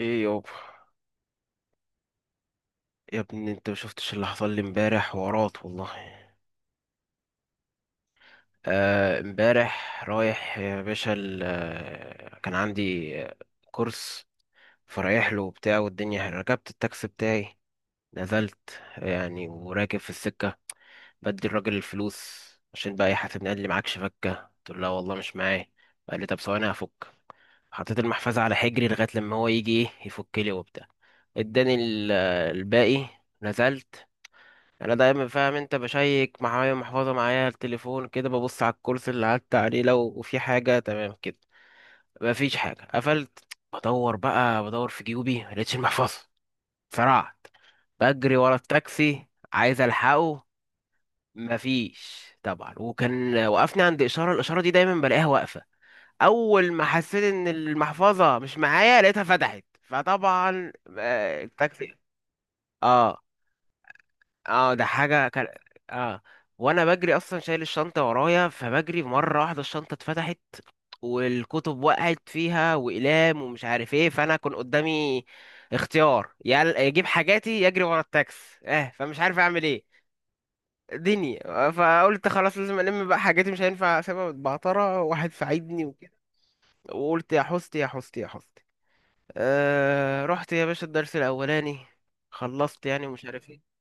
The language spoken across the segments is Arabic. ايه يابا. يا ابني انت ما شفتش اللي حصل لي امبارح؟ ورات والله. امبارح رايح يا باشا كان عندي كورس، فرايح له وبتاع. والدنيا ركبت التاكسي بتاعي، نزلت يعني وراكب في السكة، بدي الراجل الفلوس عشان بقى يحاسبني. قال لي معكش فكة؟ قلت له لا والله مش معايا. قال لي طب ثواني هفك. حطيت المحفظة على حجري لغاية لما هو يجي ايه يفك لي وبتاع، اداني الباقي. نزلت. يعني انا دايما فاهم انت، بشيك معايا محفظه، معايا التليفون، كده ببص على الكرسي اللي قعدت عليه لو وفي حاجه، تمام كده. مفيش حاجه، قفلت. بدور بقى، بدور في جيوبي، ملقتش المحفظه. سرعت بجري ورا التاكسي، عايز الحقه. مفيش طبعا. وكان وقفني عند اشاره، الاشاره دي دايما بلاقيها واقفه. اول ما حسيت ان المحفظه مش معايا لقيتها فتحت، فطبعا التاكسي. اه اه ده حاجة كان. اه وانا بجري اصلا شايل الشنطة ورايا، فبجري مرة واحدة الشنطة اتفتحت والكتب وقعت فيها واقلام ومش عارف ايه. فانا كان قدامي اختيار، يا اجيب حاجاتي يا اجري ورا التاكس. اه فمش عارف اعمل ايه، دنيا. فقلت خلاص، لازم الم بقى حاجاتي، مش هينفع اسيبها متبعترة. واحد ساعدني وكده، وقلت يا حستي يا حستي يا حستي. رحت يا باشا الدرس الاولاني، خلصت يعني ومش عارف ايه.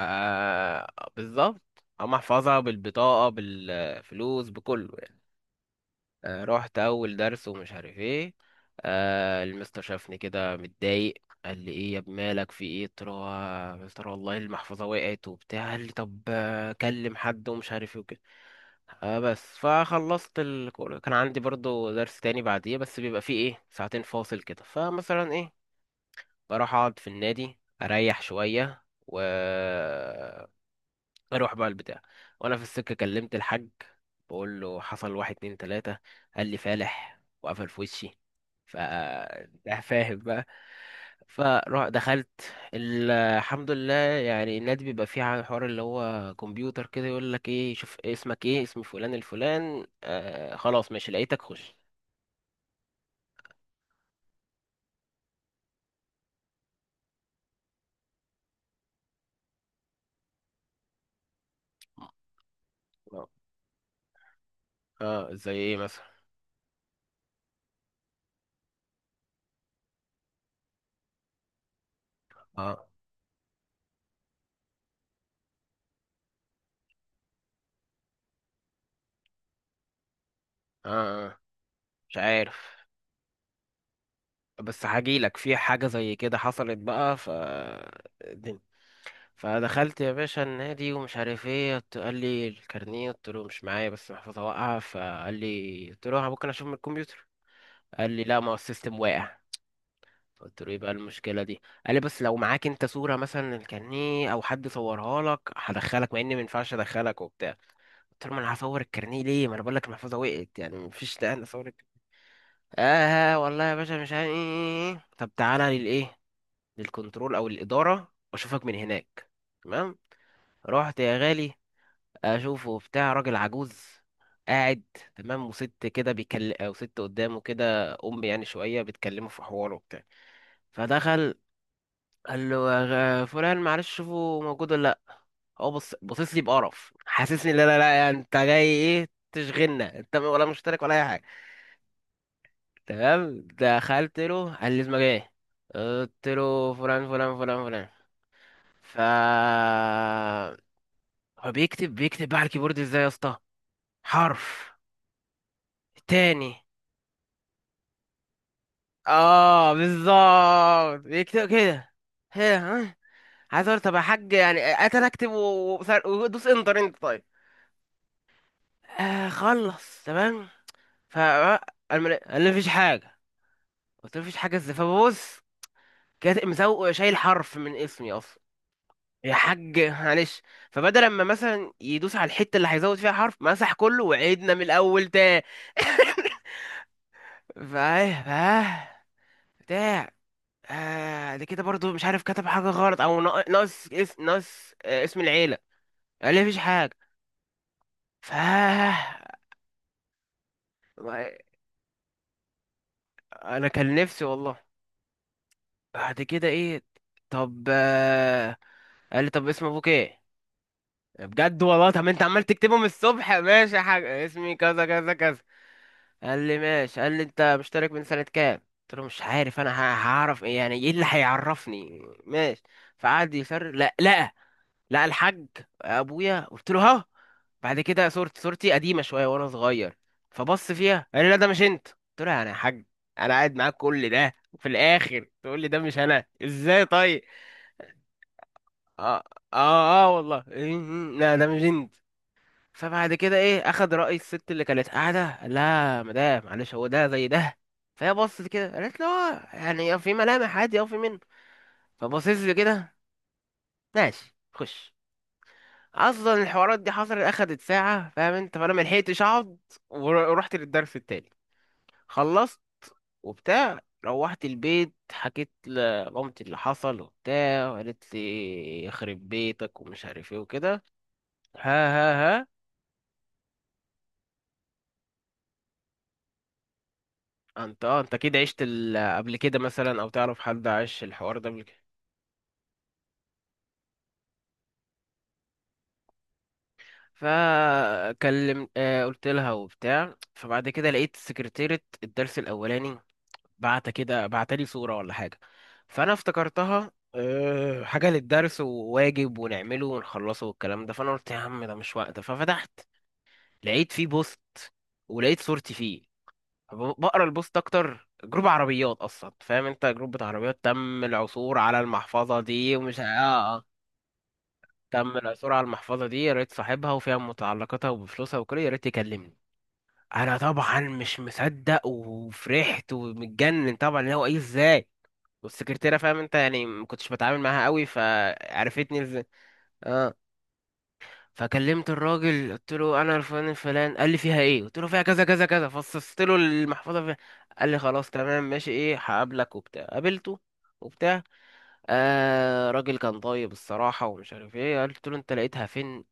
آه، بالظبط، هم احفظها بالبطاقة بالفلوس بكله يعني. رحت أول درس ومش عارف ايه. المستر شافني كده متضايق، قال لي ايه يا ابني مالك، في ايه؟ قلت له يا مستر والله المحفظة وقعت وبتاع. قال لي طب كلم حد ومش عارف ايه وكده. بس، فخلصت الكورة. كان عندي برضو درس تاني بعديه، بس بيبقى فيه ايه، ساعتين فاصل كده، فمثلا ايه، بروح اقعد في النادي اريح شوية، و اروح بقى البتاع. وانا في السكه كلمت الحاج، بقول له حصل واحد اتنين تلاته. قال لي فالح، وقفل في وشي. ف ده فاهم بقى. فروح دخلت. الحمد لله، يعني النادي بيبقى فيه حوار اللي هو كمبيوتر كده، يقول لك ايه، شوف اسمك ايه، اسم فلان الفلان، آه خلاص ماشي لقيتك، خش. اه. زي ايه مثلا؟ اه اه. آه، مش عارف، بس هجيلك في حاجة زي كده حصلت بقى. ف فدخلت يا باشا النادي ومش عارف ايه. قال لي الكارنيه. قلت له مش معايا، بس محفظه واقعه. فقال لي، قلت له ممكن اشوف من الكمبيوتر؟ قال لي لا، ما هو السيستم واقع. قلت له ايه بقى المشكله دي؟ قال لي بس لو معاك انت صوره مثلا الكارنيه او حد صورها لك هدخلك، مع اني ما ينفعش ادخلك وبتاع. قلت له ما انا هصور الكارنيه ليه، ما انا بقول لك المحفظه وقعت يعني مفيش داعي اصور الكارنيه. اه والله يا باشا مش عارف ايه. ايه ايه. إيه. طب تعالى للايه، للكنترول او الاداره، واشوفك من هناك. تمام. رحت يا غالي، اشوفه بتاع راجل عجوز قاعد، تمام، وست كده بيكلم، او ست قدامه كده يعني شويه بتكلمه في حواره وبتاع. فدخل، قال له يا فلان معلش، شوفه موجود ولا لا. هو بص بصيص لي بقرف، حاسسني لا لا لا انت جاي ايه تشغلنا، انت ولا مشترك ولا اي حاجه. تمام. دخلت له قال لي اسمك ايه، قلت له فلان فلان فلان فلان. ف هو بيكتب بيكتب بقى على الكيبورد ازاي يا اسطى، حرف تاني. اه بالظبط، يكتب كده. هي ها. عايز اقول طب يا حاج يعني اتر اكتب ودوس انتر انت، طيب. خلص، تمام. ف قال لي مفيش حاجه. قلت له مفيش حاجه ازاي؟ فببص، كاتب مسوق شايل حرف من اسمي اصلا. يا حاج معلش. فبدل ما مثلا يدوس على الحته اللي هيزود فيها حرف، مسح كله وعيدنا من الاول تاني. فايه بتاع. آه ده كده برضو مش عارف، كتب حاجة غلط أو ناقص ناقص اسم العيلة. قال لي مفيش حاجة. فا أنا كان نفسي والله. بعد كده إيه، طب آه، قال لي طب اسم أبوك إيه. بجد والله، طب أنت عمال تكتبهم الصبح، ماشي حاجة، اسمي كذا كذا كذا. قال لي ماشي. قال لي أنت مشترك من سنة كام؟ قلت له مش عارف أنا هعرف إيه يعني، إيه اللي هيعرفني، ماشي. فقعد يسر لا لا، لقى الحاج ابويا، قلت له ها. بعد كده صورتي قديمه شويه وانا صغير، فبص فيها قال لي لا ده مش انت. قلت له انا يا حاج. انا قاعد معاك كل ده وفي الاخر تقول لي ده مش انا، ازاي طيب؟ اه اه, آه والله. إيه، إيه، لا ده مش انت. فبعد كده ايه، اخد راي الست اللي كانت قاعده، قال لها مدام معلش هو ده زي ده. فهي بصت كده قالت له اه يعني في ملامح عادي، او في منه. فبصيت لي كده، ماشي خش. اصلا الحوارات دي حصلت اخدت ساعه، فاهم انت، فانا ملحقتش اقعد. ورحت للدرس التاني خلصت وبتاع، روحت البيت حكيت لمامتي اللي حصل وبتاع، وقالت لي يخرب بيتك ومش عارف ايه وكده. ها. ها ها. انت اكيد عشت قبل كده مثلا، او تعرف حد عاش الحوار ده قبل كده. فكلم آه قلت لها وبتاع. فبعد كده لقيت سكرتيرة الدرس الاولاني بعت كده، بعتلي صورة ولا حاجة، فأنا افتكرتها حاجة للدرس، وواجب ونعمله ونخلصه والكلام ده. فأنا قلت يا عم ده مش وقت. ففتحت لقيت فيه بوست، ولقيت صورتي فيه. بقرا البوست، أكتر جروب عربيات أصلا، فاهم أنت، جروب بتاع عربيات. تم العثور على المحفظة دي ومش آه. تم العثور على المحفظة دي، يا ريت صاحبها وفيها متعلقاتها وبفلوسها وكده، يا ريت يكلمني. أنا طبعا مش مصدق وفرحت ومتجنن طبعا، اللي هو إيه، إزاي. والسكرتيره فاهم انت يعني ما كنتش بتعامل معاها قوي، فعرفتني ازاي. اه فكلمت الراجل، قلت له انا الفلان الفلان. قال لي فيها ايه؟ قلت له فيها كذا كذا كذا، فصصت له المحفظه فيها. قال لي خلاص تمام ماشي، ايه هقابلك وبتاع، قابلته وبتاع. آه، راجل كان طيب الصراحه ومش عارف ايه. قلت له انت لقيتها فين؟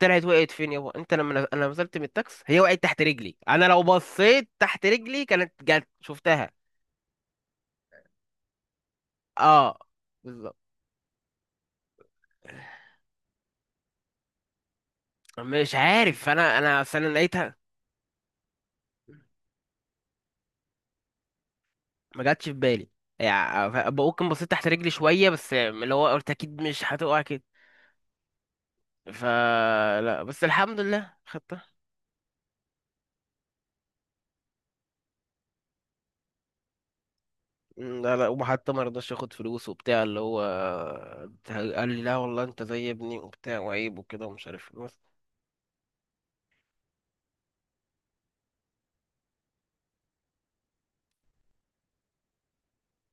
طلعت وقعت فين؟ يابا انت لما انا نزلت من التاكس هي وقعت تحت رجلي، انا لو بصيت تحت رجلي كانت جت، شفتها. اه بالظبط. مش عارف انا اصل انا لقيتها، ما جاتش في بالي. يعني ممكن بصيت تحت رجلي شوية، بس اللي هو قلت أكيد مش هتقع كده، فلا. بس الحمد لله خدتها. لا لا، وحتى ما رضاش ياخد فلوس وبتاع، اللي هو قال لي لا والله انت زي ابني وبتاع وعيب وكده ومش عارف ايه، بس.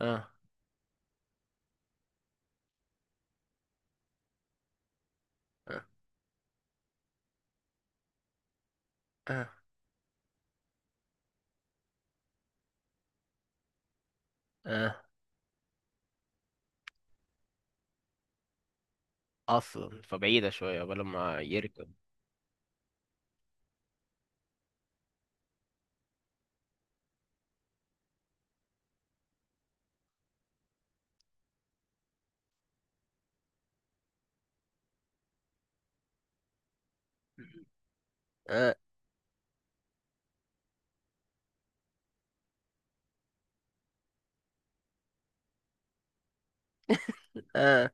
اه اه اه اه. اصلا فبعيدة شوية قبل ما يركب. اه اه.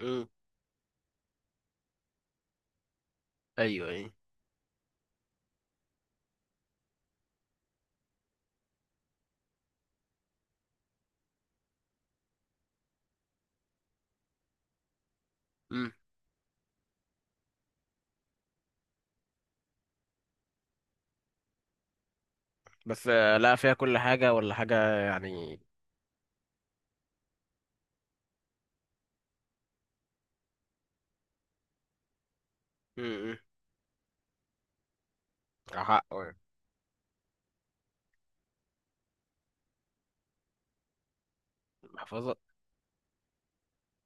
امم. ايوه ايوه. امم. بس لا فيها كل حاجة ولا حاجة يعني. امم. حقه يعني. محفظة.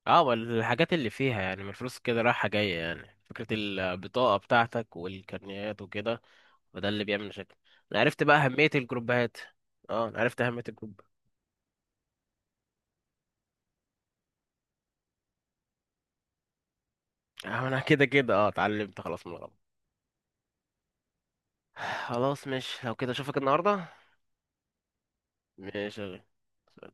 اه، والحاجات اللي فيها يعني من الفلوس كده رايحة جاية يعني، فكرة البطاقة بتاعتك والكارنيهات وكده، وده اللي بيعمل مشاكل. انا عرفت بقى أهمية الجروبات. اه انا عرفت أهمية الجروب. اه انا كده كده اه اتعلمت خلاص من الغلط. خلاص، مش لو كده اشوفك النهاردة. ماشي يا غالي.